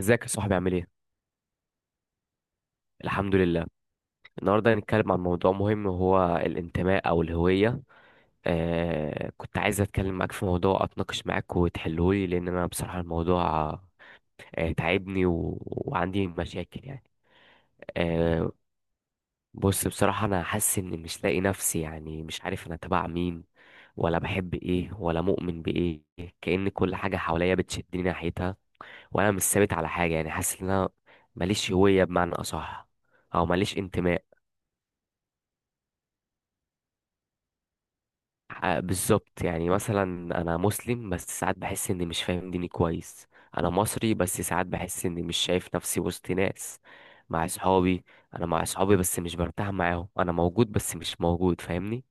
ازيك يا صاحبي، عامل ايه؟ الحمد لله. النهارده هنتكلم عن موضوع مهم، وهو الانتماء او الهوية. كنت عايز اتكلم معاك في موضوع، اتناقش معاك وتحلهولي، لان انا بصراحة الموضوع تعبني، وعندي مشاكل يعني. آه بص، بصراحة انا حاسس اني مش لاقي نفسي، يعني مش عارف انا تبع مين، ولا بحب ايه، ولا مؤمن بايه. كأن كل حاجة حواليا بتشدني ناحيتها، وانا مش ثابت على حاجة. يعني حاسس ان انا ماليش هوية بمعنى اصح، او ماليش انتماء. بالظبط. يعني مثلا انا مسلم، بس ساعات بحس اني مش فاهم ديني كويس. انا مصري، بس ساعات بحس اني مش شايف نفسي وسط ناس. مع اصحابي، انا مع اصحابي بس مش برتاح معاهم. انا موجود بس مش موجود، فاهمني؟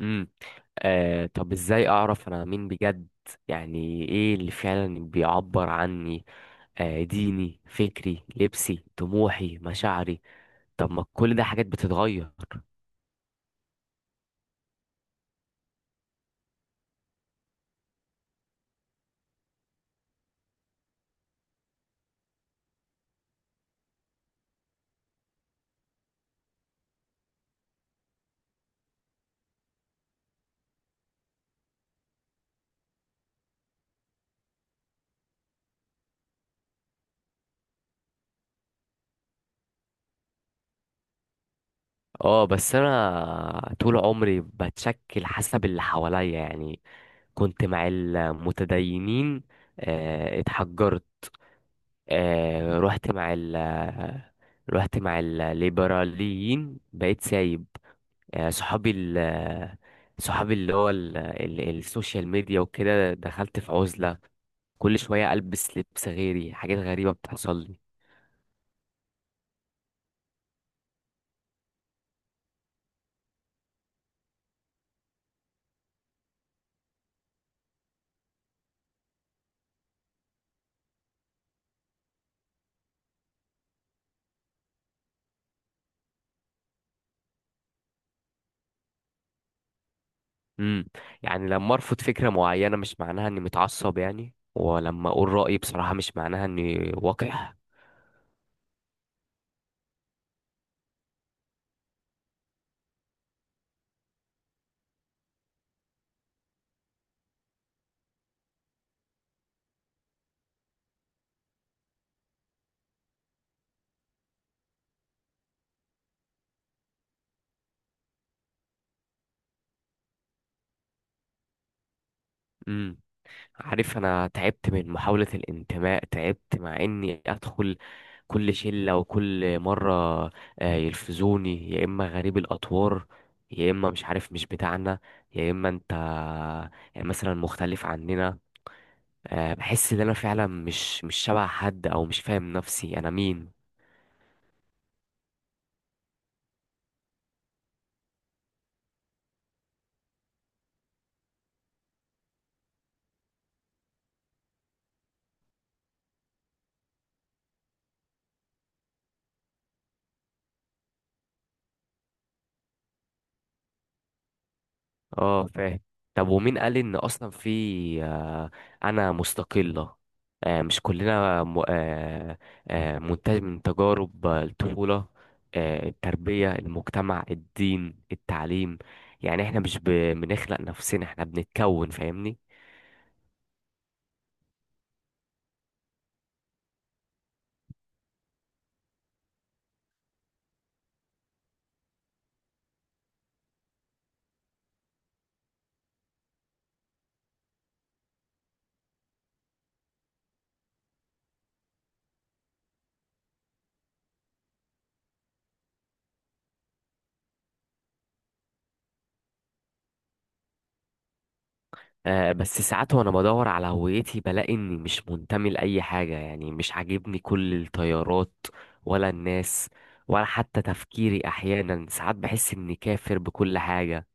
امم. طب ازاي اعرف انا مين بجد؟ يعني ايه اللي فعلا بيعبر عني؟ ديني، فكري، لبسي، طموحي، مشاعري. طب ما كل ده حاجات بتتغير. اه، بس انا طول عمري بتشكل حسب اللي حواليا يعني. كنت مع المتدينين، اتحجرت. آه، رحت مع ال رحت مع الليبراليين، بقيت سايب. آه، صحابي ال صحابي اللي هو السوشيال ميديا وكده، دخلت في عزلة. كل شوية ألبس لبس غيري، حاجات غريبة بتحصل لي. امم. يعني لما ارفض فكره معينه مش معناها اني متعصب، يعني ولما اقول رايي بصراحه مش معناها اني وقح. امم. عارف، انا تعبت من محاوله الانتماء. تعبت مع اني ادخل كل شله، وكل مره يلفزوني يا اما غريب الاطوار، يا اما مش عارف مش بتاعنا، يا اما انت يعني مثلا مختلف عننا. بحس ان انا فعلا مش شبه حد، او مش فاهم نفسي انا مين. اه، فاهم. طب ومين قال ان اصلا في آه، انا مستقلة؟ مش كلنا منتج من تجارب الطفولة، التربية، المجتمع، الدين، التعليم. يعني احنا مش ب- بنخلق نفسنا، احنا بنتكون، فاهمني؟ بس ساعات وانا بدور على هويتي بلاقي اني مش منتمي لأي حاجة. يعني مش عاجبني كل التيارات، ولا الناس، ولا حتى تفكيري. احيانا ساعات بحس اني كافر بكل حاجة.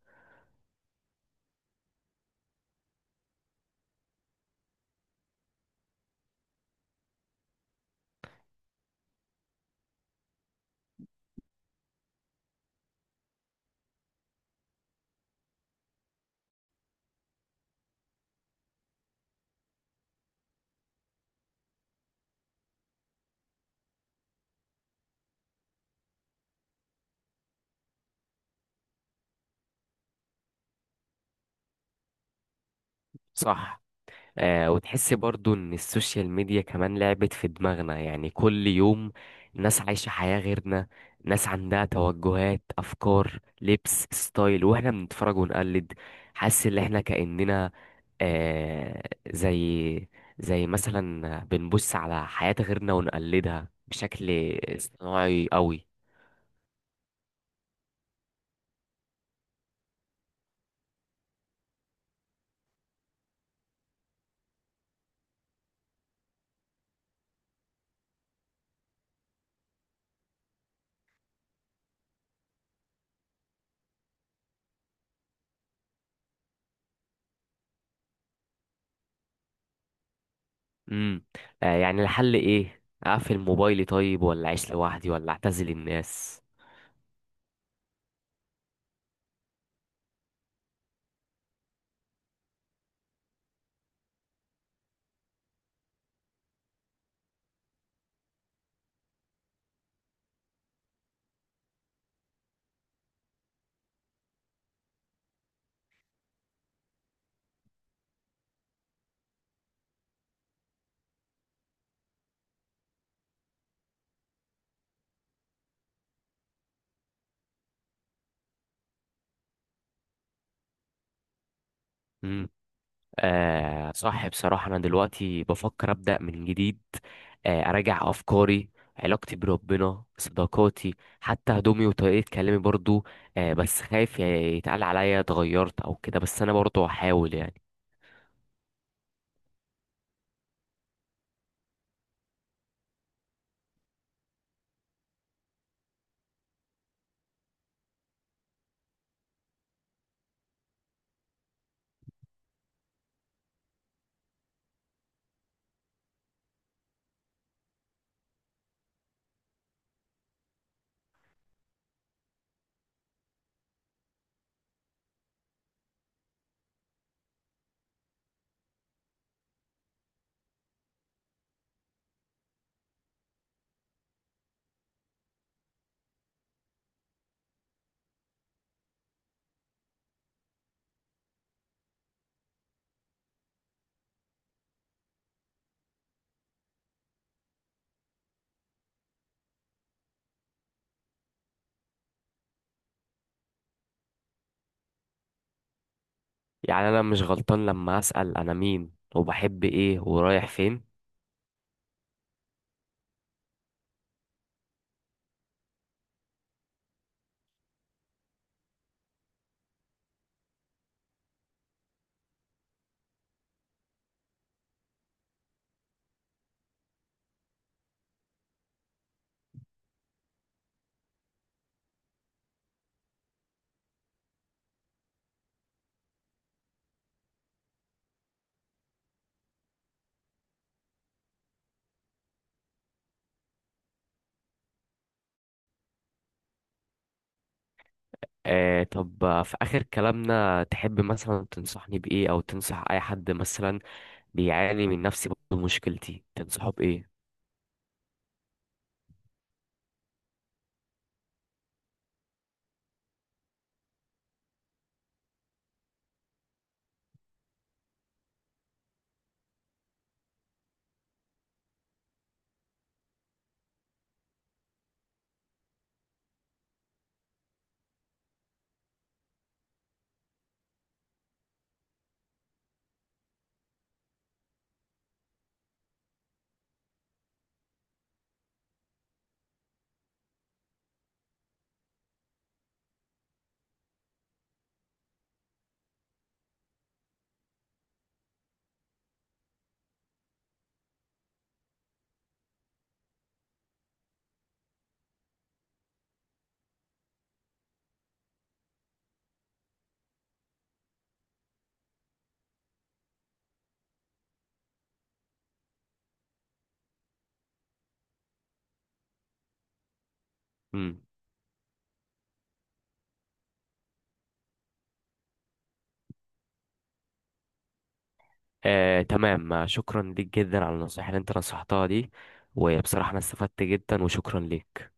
صح. وتحس برضو ان السوشيال ميديا كمان لعبت في دماغنا. يعني كل يوم ناس عايشة حياة غيرنا، ناس عندها توجهات، افكار، لبس، ستايل، واحنا بنتفرج ونقلد. حاسس ان احنا كأننا آه زي زي مثلا بنبص على حياة غيرنا ونقلدها بشكل صناعي قوي. امم. يعني الحل ايه؟ اقفل موبايلي؟ طيب ولا اعيش لوحدي، ولا اعتزل الناس؟ آه، صح. بصراحة أنا دلوقتي بفكر أبدأ من جديد. أراجع أفكاري، علاقتي بربنا، صداقاتي، حتى هدومي وطريقة كلامي برضو. بس خايف يتقال عليا اتغيرت أو كده، بس أنا برضو هحاول يعني. يعني أنا مش غلطان لما أسأل أنا مين، وبحب إيه، ورايح فين؟ طب، في آخر كلامنا تحب مثلا تنصحني بإيه؟ أو تنصح أي حد مثلا بيعاني من نفس مشكلتي، تنصحه بإيه؟ مم. آه، تمام. شكرا ليك جدا على النصائح اللي انت نصحتها دي، وبصراحة انا استفدت جدا، وشكرا ليك.